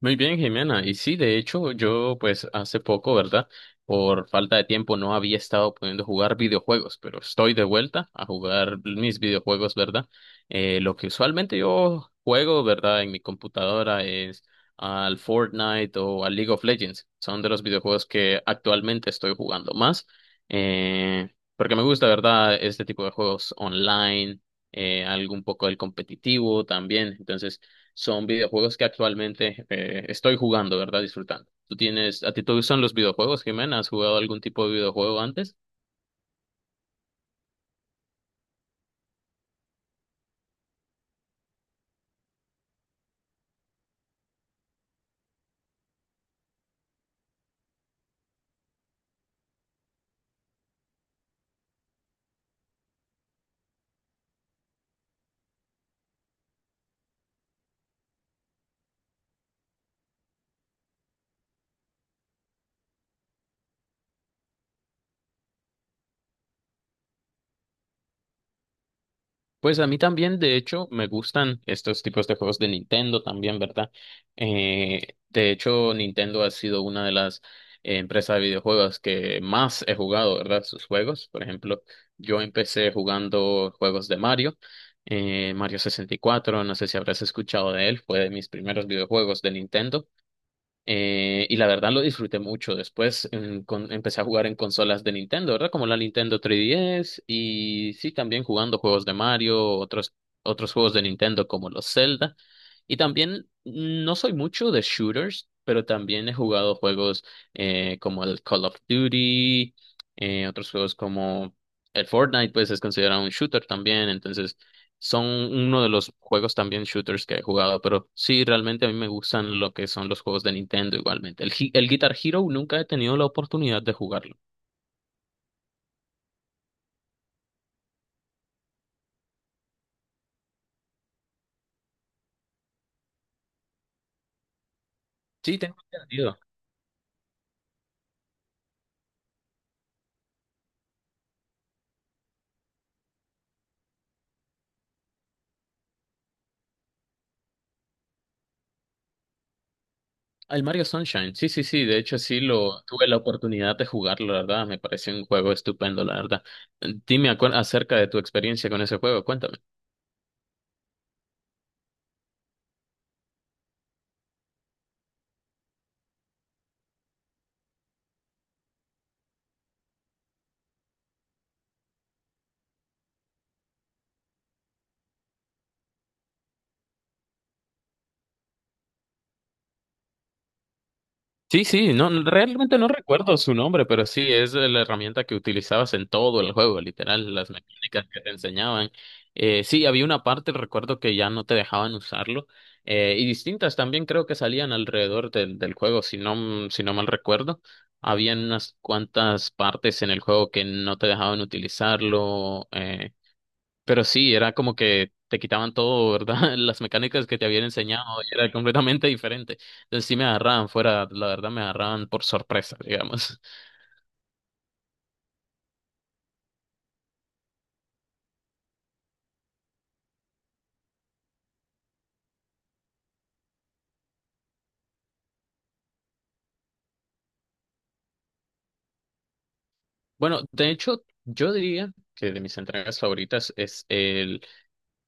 Muy bien, Jimena. Y sí, de hecho, yo pues hace poco, ¿verdad? Por falta de tiempo no había estado pudiendo jugar videojuegos, pero estoy de vuelta a jugar mis videojuegos, ¿verdad? Lo que usualmente yo juego, ¿verdad? En mi computadora es al Fortnite o al League of Legends. Son de los videojuegos que actualmente estoy jugando más, eh, porque me gusta, ¿verdad? Este tipo de juegos online, algo un poco del competitivo también. Entonces son videojuegos que actualmente estoy jugando, ¿verdad? Disfrutando. ¿Tú tienes, a ti te gustan los videojuegos, Jimena? ¿Has jugado algún tipo de videojuego antes? Pues a mí también, de hecho, me gustan estos tipos de juegos de Nintendo también, ¿verdad? De hecho, Nintendo ha sido una de las empresas de videojuegos que más he jugado, ¿verdad? Sus juegos. Por ejemplo, yo empecé jugando juegos de Mario, Mario 64, no sé si habrás escuchado de él, fue de mis primeros videojuegos de Nintendo. Y la verdad lo disfruté mucho. Después empecé a jugar en consolas de Nintendo, ¿verdad? Como la Nintendo 3DS y sí, también jugando juegos de Mario, otros juegos de Nintendo como los Zelda. Y también no soy mucho de shooters, pero también he jugado juegos como el Call of Duty, otros juegos como el Fortnite, pues es considerado un shooter también. Entonces son uno de los juegos también shooters que he jugado, pero sí, realmente a mí me gustan lo que son los juegos de Nintendo igualmente. El Guitar Hero nunca he tenido la oportunidad de jugarlo. Sí, tengo entendido. El Mario Sunshine, sí, sí, sí, de hecho sí lo tuve la oportunidad de jugarlo, la verdad, me pareció un juego estupendo, la verdad. Dime acerca de tu experiencia con ese juego, cuéntame. Sí, sí, no, no, realmente no recuerdo su nombre, pero sí, es la herramienta que utilizabas en todo el juego, literal, las mecánicas que te enseñaban. Sí, había una parte, recuerdo que ya no te dejaban usarlo, y distintas también creo que salían alrededor del juego, si no, si no mal recuerdo. Habían unas cuantas partes en el juego que no te dejaban utilizarlo, pero sí, era como que te quitaban todo, ¿verdad? Las mecánicas que te habían enseñado era completamente diferente. Entonces sí me agarraban fuera, la verdad me agarraban por sorpresa, digamos. Bueno, de hecho, yo diría que de mis entregas favoritas es el...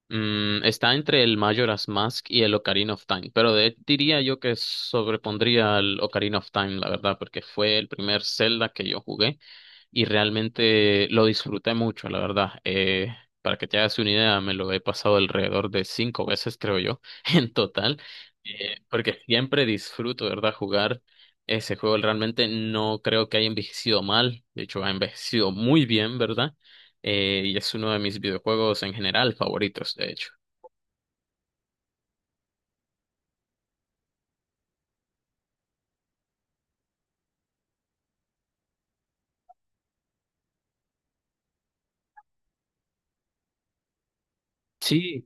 mm, está entre el Majora's Mask y el Ocarina of Time, pero de, diría yo que sobrepondría al Ocarina of Time, la verdad, porque fue el primer Zelda que yo jugué y realmente lo disfruté mucho, la verdad. Para que te hagas una idea, me lo he pasado alrededor de 5 veces, creo yo, en total, porque siempre disfruto, ¿verdad?, jugar ese juego. Realmente no creo que haya envejecido mal, de hecho, ha envejecido muy bien, ¿verdad? Y es uno de mis videojuegos en general favoritos, de hecho. Sí,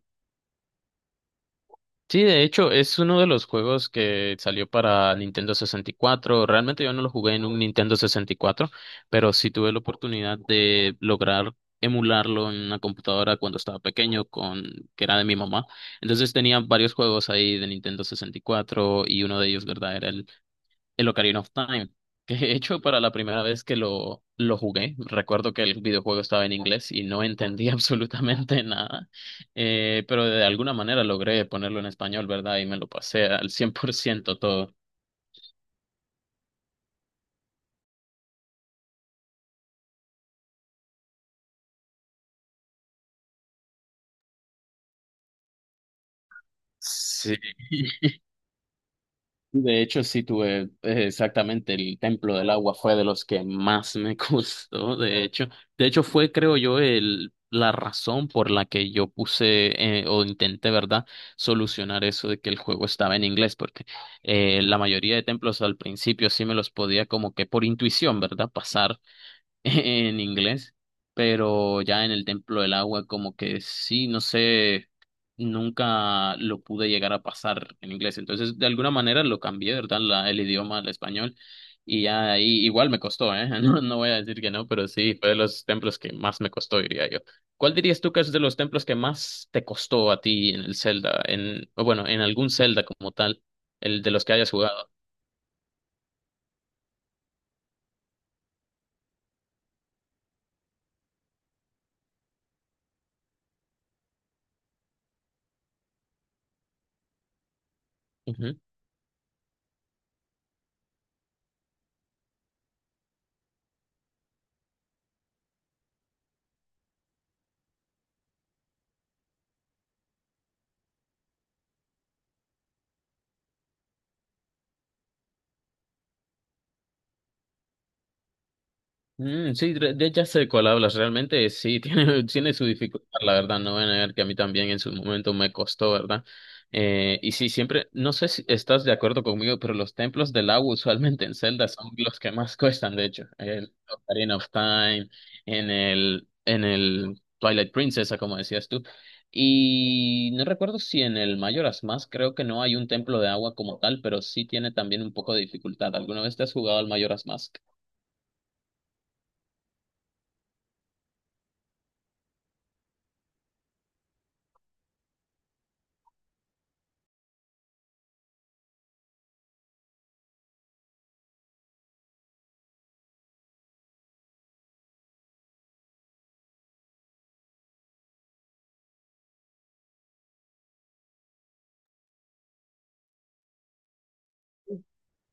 sí, de hecho, es uno de los juegos que salió para Nintendo 64. Realmente yo no lo jugué en un Nintendo 64, pero sí tuve la oportunidad de lograr emularlo en una computadora cuando estaba pequeño, con que era de mi mamá. Entonces tenía varios juegos ahí de Nintendo 64 y cuatro y uno de ellos, ¿verdad? Era el Ocarina of Time, que he hecho para la primera vez que lo jugué. Recuerdo que el videojuego estaba en inglés y no entendí absolutamente nada, pero de alguna manera logré ponerlo en español, ¿verdad? Y me lo pasé al cien por ciento todo. Sí. De hecho, sí tuve exactamente el Templo del Agua fue de los que más me gustó, de hecho. De hecho, fue, creo yo, la razón por la que yo puse o intenté, ¿verdad?, solucionar eso de que el juego estaba en inglés, porque la mayoría de templos al principio sí me los podía como que por intuición, ¿verdad?, pasar en inglés, pero ya en el Templo del Agua como que sí, no sé, nunca lo pude llegar a pasar en inglés, entonces de alguna manera lo cambié, ¿verdad? El idioma al español y ya ahí igual me costó, ¿eh? No, no voy a decir que no, pero sí, fue de los templos que más me costó, diría yo. ¿Cuál dirías tú que es de los templos que más te costó a ti en el Zelda, en, o bueno, en algún Zelda como tal, el de los que hayas jugado? Sí, ya sé de cuál hablas. Realmente sí, tiene su dificultad, la verdad. No voy a negar que a mí también en su momento me costó, ¿verdad? Y sí, siempre, no sé si estás de acuerdo conmigo, pero los templos del agua usualmente en Zelda son los que más cuestan, de hecho. El Ocarina of Time, en el Twilight Princess, como decías tú. Y no recuerdo si en el Majora's Mask creo que no hay un templo de agua como tal, pero sí tiene también un poco de dificultad. ¿Alguna vez te has jugado al Majora's Mask?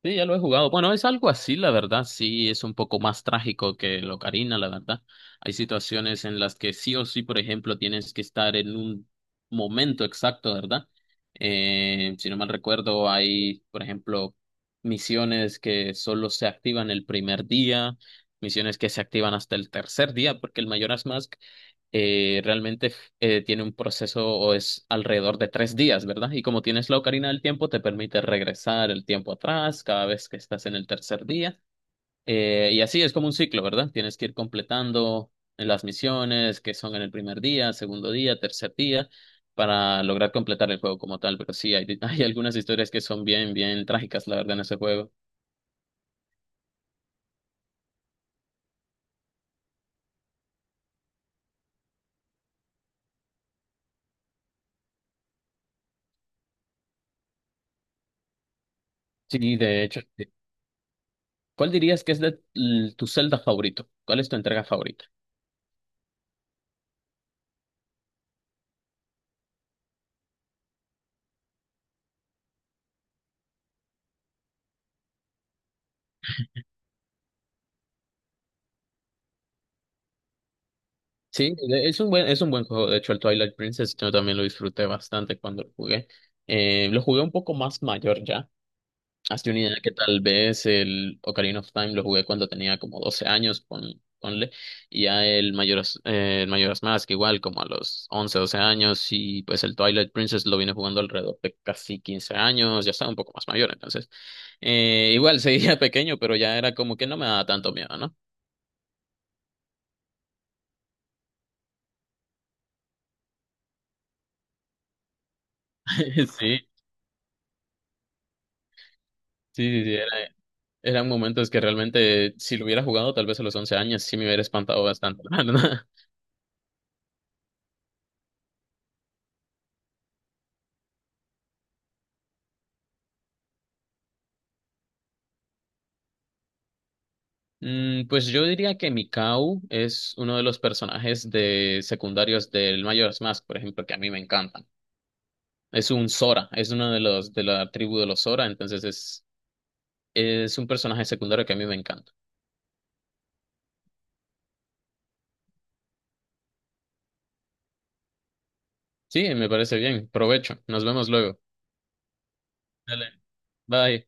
Sí, ya lo he jugado. Bueno, es algo así, la verdad. Sí, es un poco más trágico que el Ocarina, la verdad. Hay situaciones en las que sí o sí, por ejemplo, tienes que estar en un momento exacto, ¿verdad? Si no mal recuerdo, hay, por ejemplo, misiones que solo se activan el primer día, misiones que se activan hasta el tercer día, porque el Mayoras Mask realmente tiene un proceso o es alrededor de 3 días, ¿verdad? Y como tienes la ocarina del tiempo, te permite regresar el tiempo atrás cada vez que estás en el tercer día. Y así es como un ciclo, ¿verdad? Tienes que ir completando las misiones que son en el primer día, segundo día, tercer día, para lograr completar el juego como tal. Pero sí, hay, hay algunas historias que son bien, bien trágicas, la verdad, en ese juego. Sí, de hecho. ¿Cuál dirías que es tu Zelda favorito? ¿Cuál es tu entrega favorita? Sí, es un buen juego. De hecho, el Twilight Princess yo también lo disfruté bastante cuando lo jugué. Lo jugué un poco más mayor ya. Hazte una idea que tal vez el Ocarina of Time lo jugué cuando tenía como 12 años, ponle. Y ya el Majora's Mask igual como a los 11 12 años. Y pues el Twilight Princess lo vine jugando alrededor de casi 15 años. Ya estaba un poco más mayor, entonces. Igual seguía pequeño, pero ya era como que no me daba tanto miedo, ¿no? Sí, sí, sí, era. Eran momentos que realmente, si lo hubiera jugado tal vez a los 11 años, sí me hubiera espantado bastante, la verdad. Pues yo diría que Mikau es uno de los personajes de secundarios del Majora's Mask, por ejemplo, que a mí me encantan. Es un Sora, es uno de los de la tribu de los Sora, entonces es un personaje secundario que a mí me encanta. Sí, me parece bien. Provecho. Nos vemos luego. Dale. Bye.